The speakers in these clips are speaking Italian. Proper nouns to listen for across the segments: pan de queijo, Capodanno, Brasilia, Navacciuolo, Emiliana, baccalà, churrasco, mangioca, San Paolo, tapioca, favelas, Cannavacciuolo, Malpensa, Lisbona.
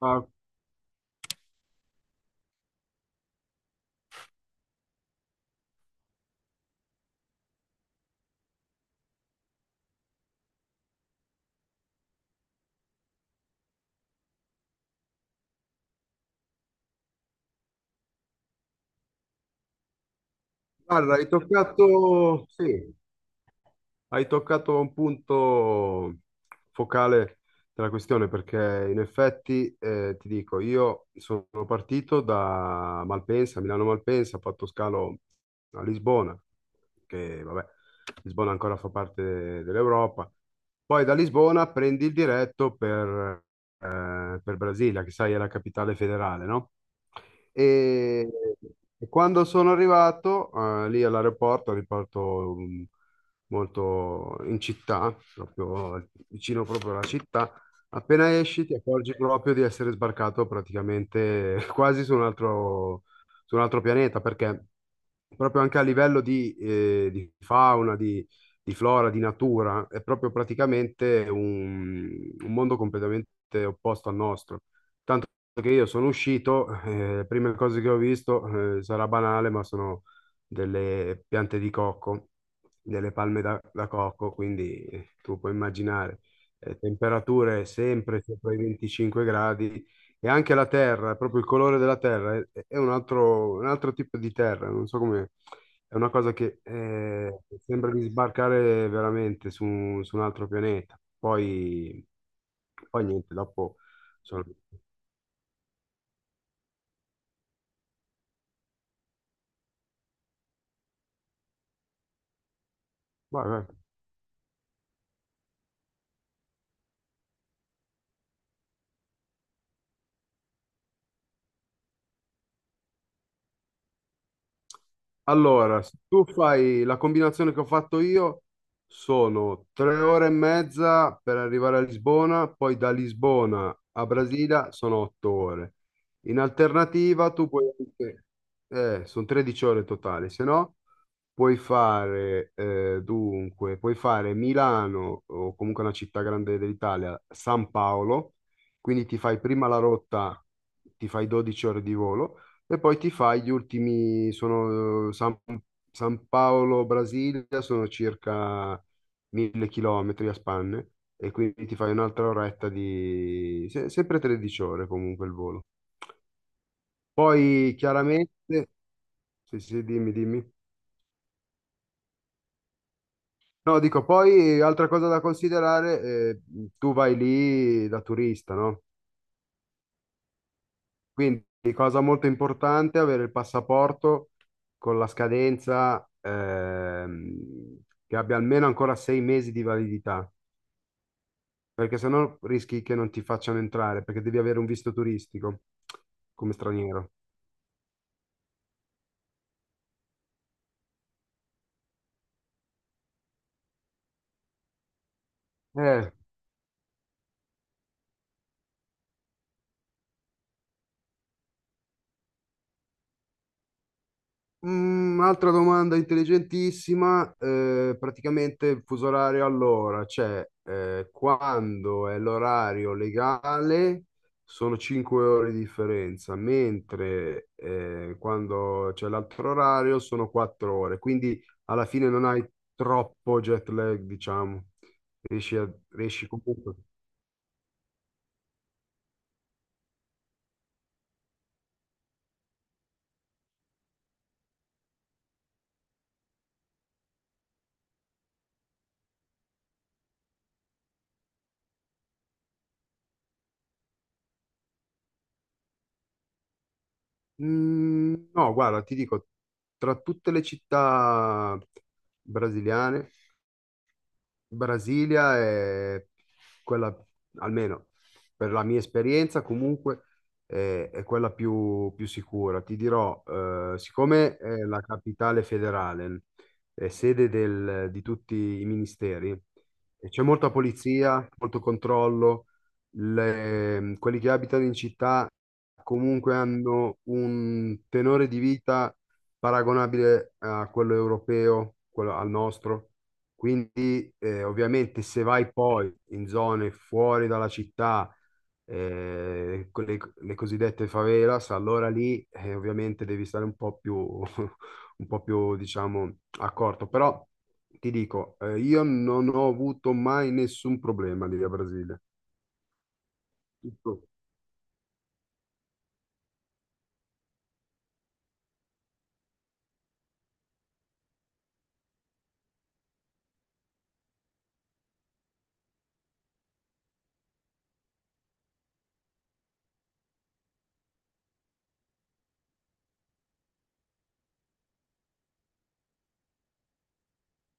Ah, guarda, hai toccato un punto focale della questione perché in effetti ti dico, io sono partito da Malpensa, Milano Malpensa, ho fatto scalo a Lisbona, che vabbè, Lisbona ancora fa parte dell'Europa. Poi da Lisbona prendi il diretto per Brasilia, che sai è la capitale federale, no? E, e quando sono arrivato lì all'aeroporto, aeroporto molto in città, proprio vicino proprio alla città. Appena esci ti accorgi proprio di essere sbarcato praticamente quasi su un altro pianeta, perché proprio anche a livello di fauna, di flora, di natura, è proprio praticamente un mondo completamente opposto al nostro, che io sono uscito, le prime cose che ho visto, sarà banale, ma sono delle piante di cocco, delle palme da cocco, quindi tu puoi immaginare temperature sempre sopra i 25 gradi. E anche la terra, proprio il colore della terra è un altro tipo di terra, non so come, è una cosa che sembra di sbarcare veramente su, su un altro pianeta. Poi, poi niente, Sono vai, vai. Allora, se tu fai la combinazione che ho fatto io, sono 3 ore e mezza per arrivare a Lisbona, poi da Lisbona a Brasilia sono 8 ore. In alternativa, tu puoi anche, sono 13 ore totali, se no puoi fare, dunque, puoi fare Milano o comunque una città grande dell'Italia, San Paolo, quindi ti fai prima la rotta, ti fai 12 ore di volo. E poi ti fai gli ultimi, sono San Paolo, Brasilia, sono circa 1000 km a spanne, e quindi ti fai un'altra oretta di, sempre 13 ore comunque il volo. Poi chiaramente, sì, sì, dimmi, dimmi. No, dico, poi altra cosa da considerare, tu vai lì da turista, no? Quindi, cosa molto importante, avere il passaporto con la scadenza che abbia almeno ancora 6 mesi di validità, perché sennò rischi che non ti facciano entrare, perché devi avere un visto turistico come straniero. Eh, Mm, altra domanda intelligentissima, praticamente il fuso orario allora, cioè quando è l'orario legale sono 5 ore di differenza, mentre quando c'è l'altro orario sono 4 ore, quindi alla fine non hai troppo jet lag, diciamo, riesci comunque. Mm, no, guarda, ti dico, tra tutte le città brasiliane Brasilia è quella, almeno per la mia esperienza, comunque è quella più, più sicura. Ti dirò, siccome è la capitale federale, è sede di tutti i ministeri, e c'è molta polizia, molto controllo, quelli che abitano in città comunque hanno un tenore di vita paragonabile a quello europeo, quello al nostro. Quindi, ovviamente, se vai poi in zone fuori dalla città, con le cosiddette favelas, allora lì, ovviamente, devi stare un po' più, un po' più, diciamo, accorto. Però ti dico, io non ho avuto mai nessun problema lì a Brasile. Tutto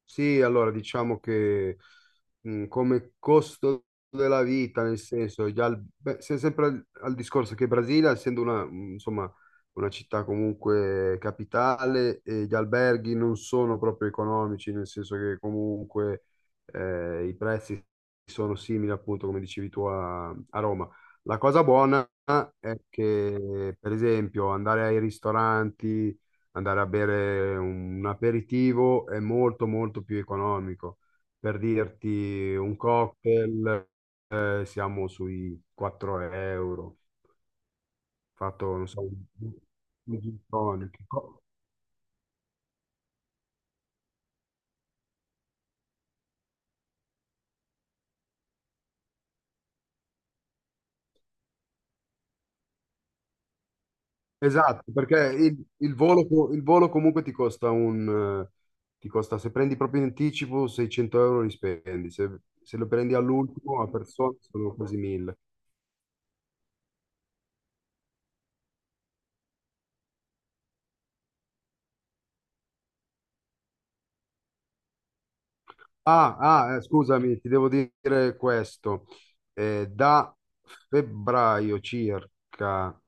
Sì, allora diciamo che come costo della vita, nel senso, beh, sempre al, al discorso che Brasilia, essendo una, insomma, una città comunque capitale, e gli alberghi non sono proprio economici, nel senso che comunque i prezzi sono simili, appunto, come dicevi tu a, a Roma. La cosa buona è che, per esempio, andare ai ristoranti, andare a bere un aperitivo è molto molto più economico. Per dirti un cocktail, siamo sui 4 euro, fatto, non so, un gin tonic. Esatto, perché il volo, il volo comunque ti costa eh, ti costa, se prendi proprio in anticipo, 600 euro li spendi, se, se lo prendi all'ultimo a persona sono quasi 1000. Ah, ah, scusami, ti devo dire questo. Da febbraio circa,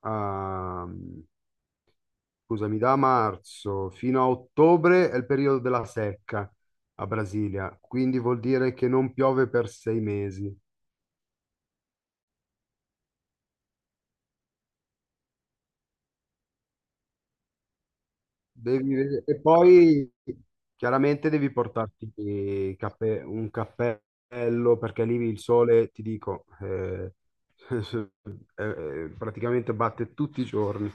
a, scusami, da marzo fino a ottobre è il periodo della secca a Brasilia, quindi vuol dire che non piove per 6 mesi. E poi chiaramente devi portarti un cappello perché lì il sole, ti dico, praticamente batte tutti i giorni.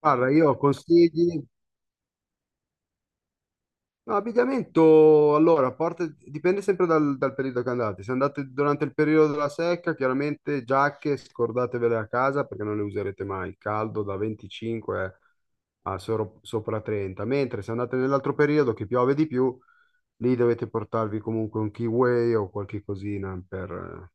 Guarda, no, abbigliamento, allora, a parte, dipende sempre dal, dal periodo che andate. Se andate durante il periodo della secca, chiaramente giacche scordatevele a casa perché non le userete mai. Il caldo da 25 a sopra 30. Mentre se andate nell'altro periodo che piove di più, lì dovete portarvi comunque un kiwi o qualche cosina per,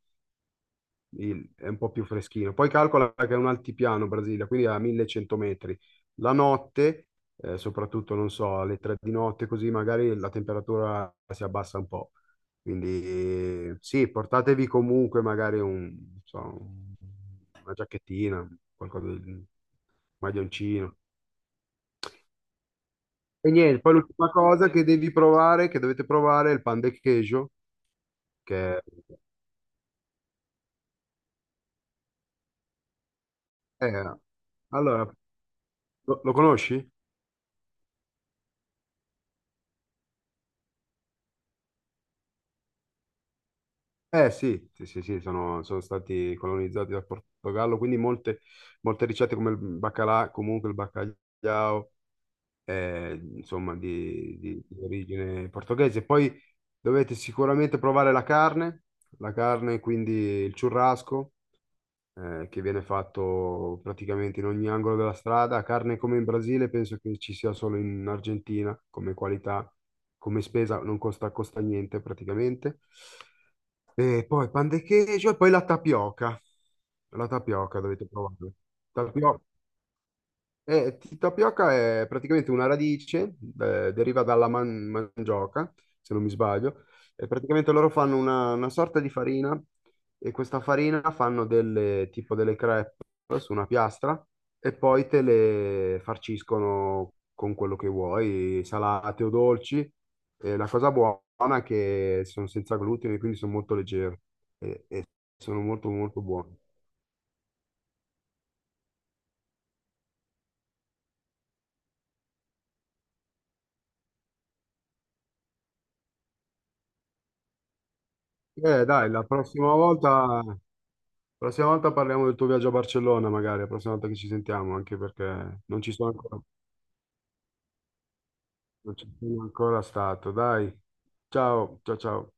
è un po' più freschino. Poi calcola che è un altipiano Brasilia, quindi a 1100 metri. La notte, soprattutto, non so, alle 3 di notte, così magari la temperatura si abbassa un po'. Quindi sì, portatevi comunque magari un, non so, una giacchettina, qualcosa, un maglioncino. E niente, poi l'ultima cosa che devi provare, che dovete provare, è il pan de queijo, che è... eh, allora, lo conosci? Eh sì, sì, sì, sì, sono, sono stati colonizzati dal Portogallo, quindi molte, molte ricette come il baccalà, comunque il baccagliao, insomma, di origine portoghese. Poi dovete sicuramente provare la carne, quindi il churrasco, che viene fatto praticamente in ogni angolo della strada. Carne come in Brasile, penso che ci sia solo in Argentina come qualità, come spesa, non costa, costa niente praticamente. E poi pan de queijo e poi la tapioca. La tapioca dovete provare. Tapio- tapioca è praticamente una radice, deriva dalla mangioca, se non mi sbaglio, e praticamente loro fanno una sorta di farina, e questa farina fanno delle, tipo delle crepe su una piastra, e poi te le farciscono con quello che vuoi, salate o dolci. E la cosa buona è che sono senza glutine, quindi sono molto leggere, e sono molto molto buone. Dai, la prossima volta... La prossima volta parliamo del tuo viaggio a Barcellona, magari, la prossima volta che ci sentiamo, anche perché non ci sono ancora, non ci sono ancora stato. Dai, ciao, ciao, ciao.